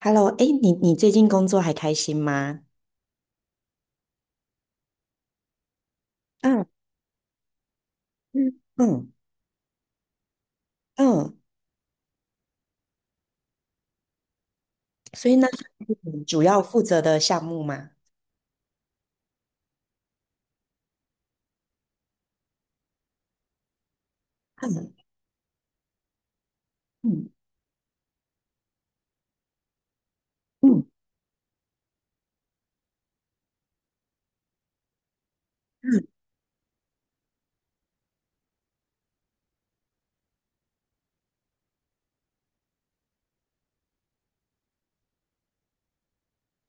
Hello，哎，你最近工作还开心吗？嗯嗯嗯嗯，所以那是你主要负责的项目吗？嗯嗯嗯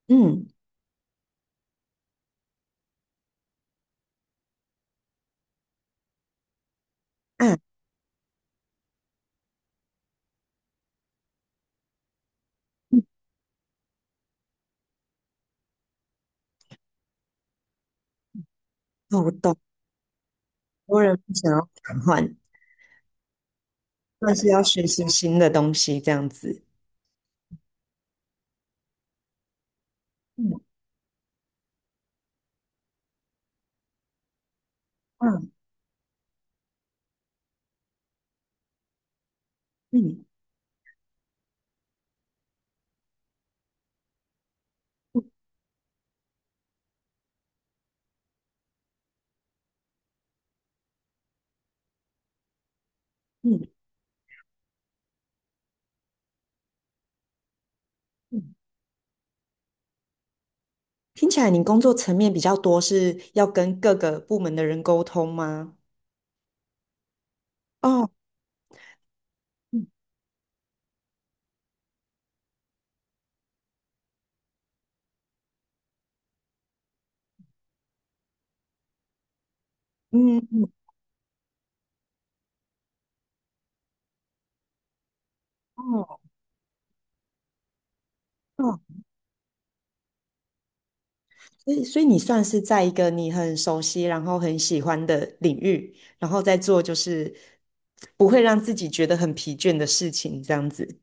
嗯嗯啊嗯，哦，我懂，很多人不想要转换，但是要学习新的东西，这样子。嗯嗯嗯嗯嗯，嗯听起来你工作层面比较多，是要跟各个部门的人沟通吗？哦，嗯嗯嗯，哦。所以你算是在一个你很熟悉，然后很喜欢的领域，然后再做就是不会让自己觉得很疲倦的事情，这样子。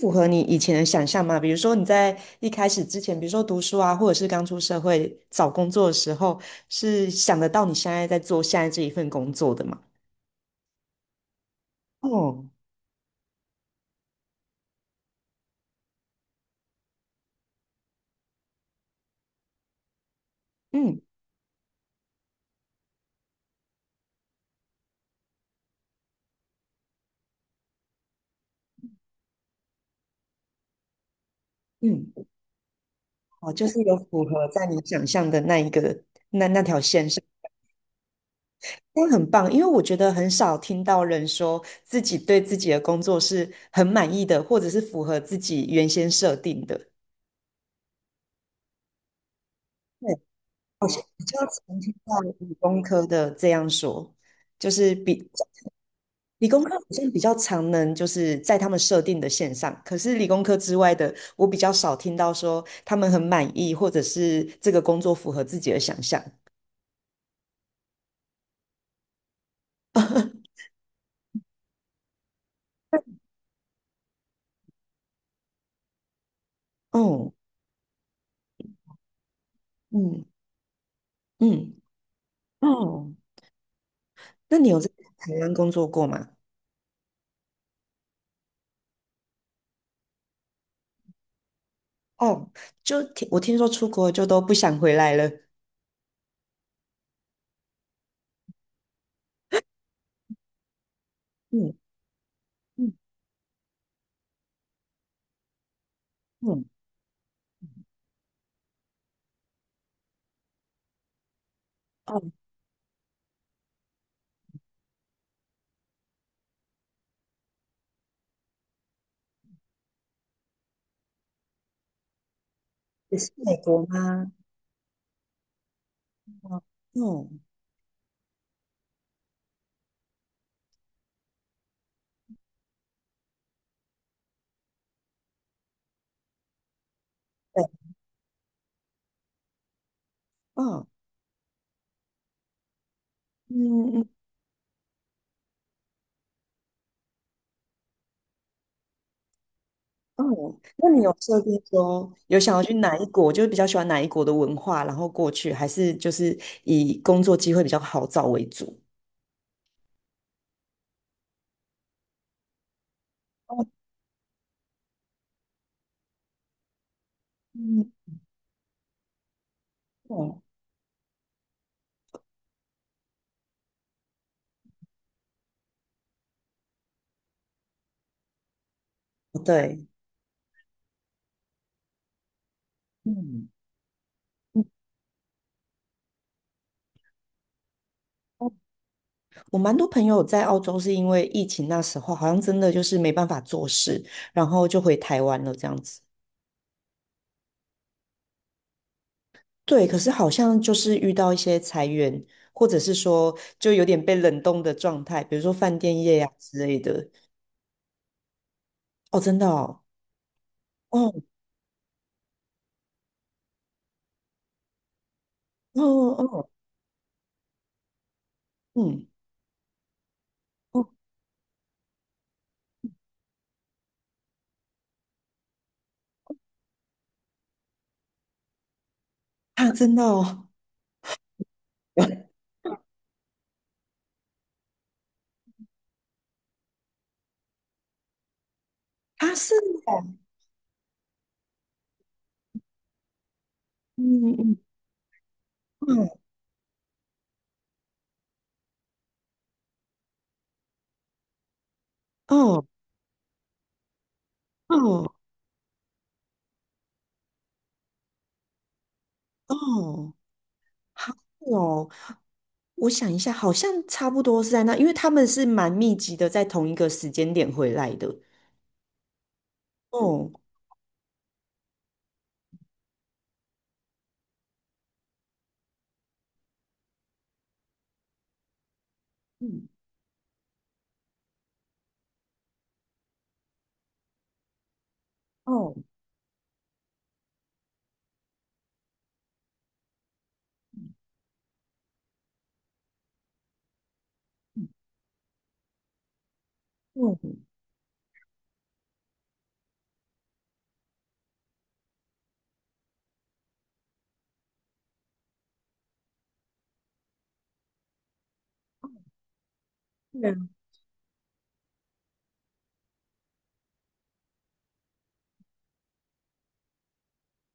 符合你以前的想象吗？比如说你在一开始之前，比如说读书啊，或者是刚出社会找工作的时候，是想得到你现在在做现在这一份工作的吗？哦，嗯嗯，哦，就是有符合在你想象的那一个那条线上。那很棒，因为我觉得很少听到人说自己对自己的工作是很满意的，或者是符合自己原先设定的。对，好像比较常听到理工科的这样说，就是比理工科好像比较常能就是在他们设定的线上，可是理工科之外的，我比较少听到说他们很满意，或者是这个工作符合自己的想象。哦，嗯嗯嗯，哦，那你有在台湾工作过吗？哦，就听我听说出国就都不想回来了。嗯嗯嗯，哦，也是美国吗？哦，哦，对，哦，嗯哦，那你有设定说有想要去哪一国，就是比较喜欢哪一国的文化，然后过去，还是就是以工作机会比较好找为主？哦，嗯哦，对，嗯。嗯哦我蛮多朋友在澳洲是因为疫情那时候，好像真的就是没办法做事，然后就回台湾了这样子。对，可是好像就是遇到一些裁员，或者是说就有点被冷冻的状态，比如说饭店业呀、之类的。哦，真的哦，哦哦哦，嗯，哦，啊，真的哦，他是，嗯嗯嗯，哦哦哦，好哦，我想一下，好像差不多是在那，因为他们是蛮密集的，在同一个时间点回来的。哦，嗯，哦，哦嗯，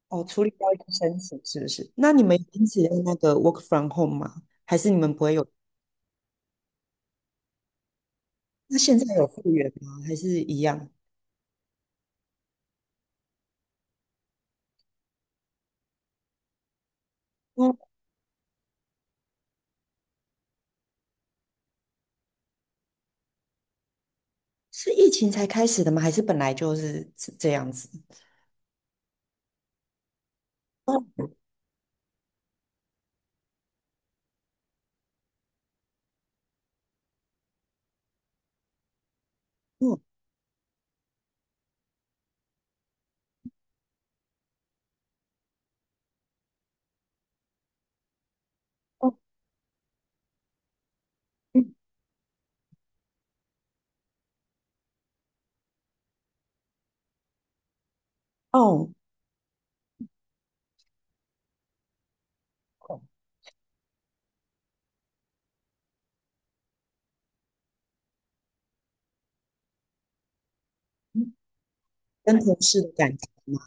哦，处理掉一个申请是不是？那你们因此用那个 work from home 吗？还是你们不会有？那现在有复原吗？还是一样？哦，是疫情才开始的吗？还是本来就是这样子？哦哦哦嗯哦，哦嗯跟同事的感情吗？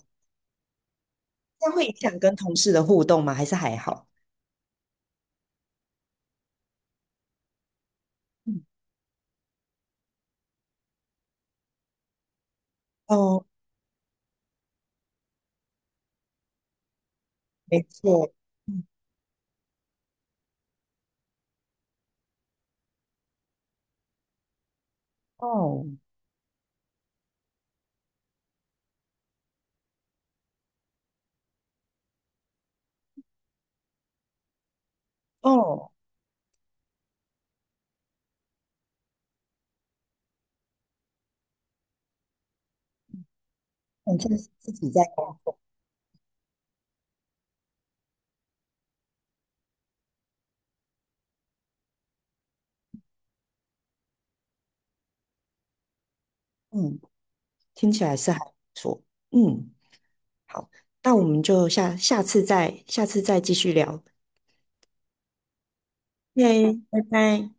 这样会影响跟同事的互动吗？还是还好？嗯哦，没错。嗯哦哦，好像是自己在工作。嗯，听起来是还不错。嗯。好，那我们就下次再继续聊。耶，拜拜。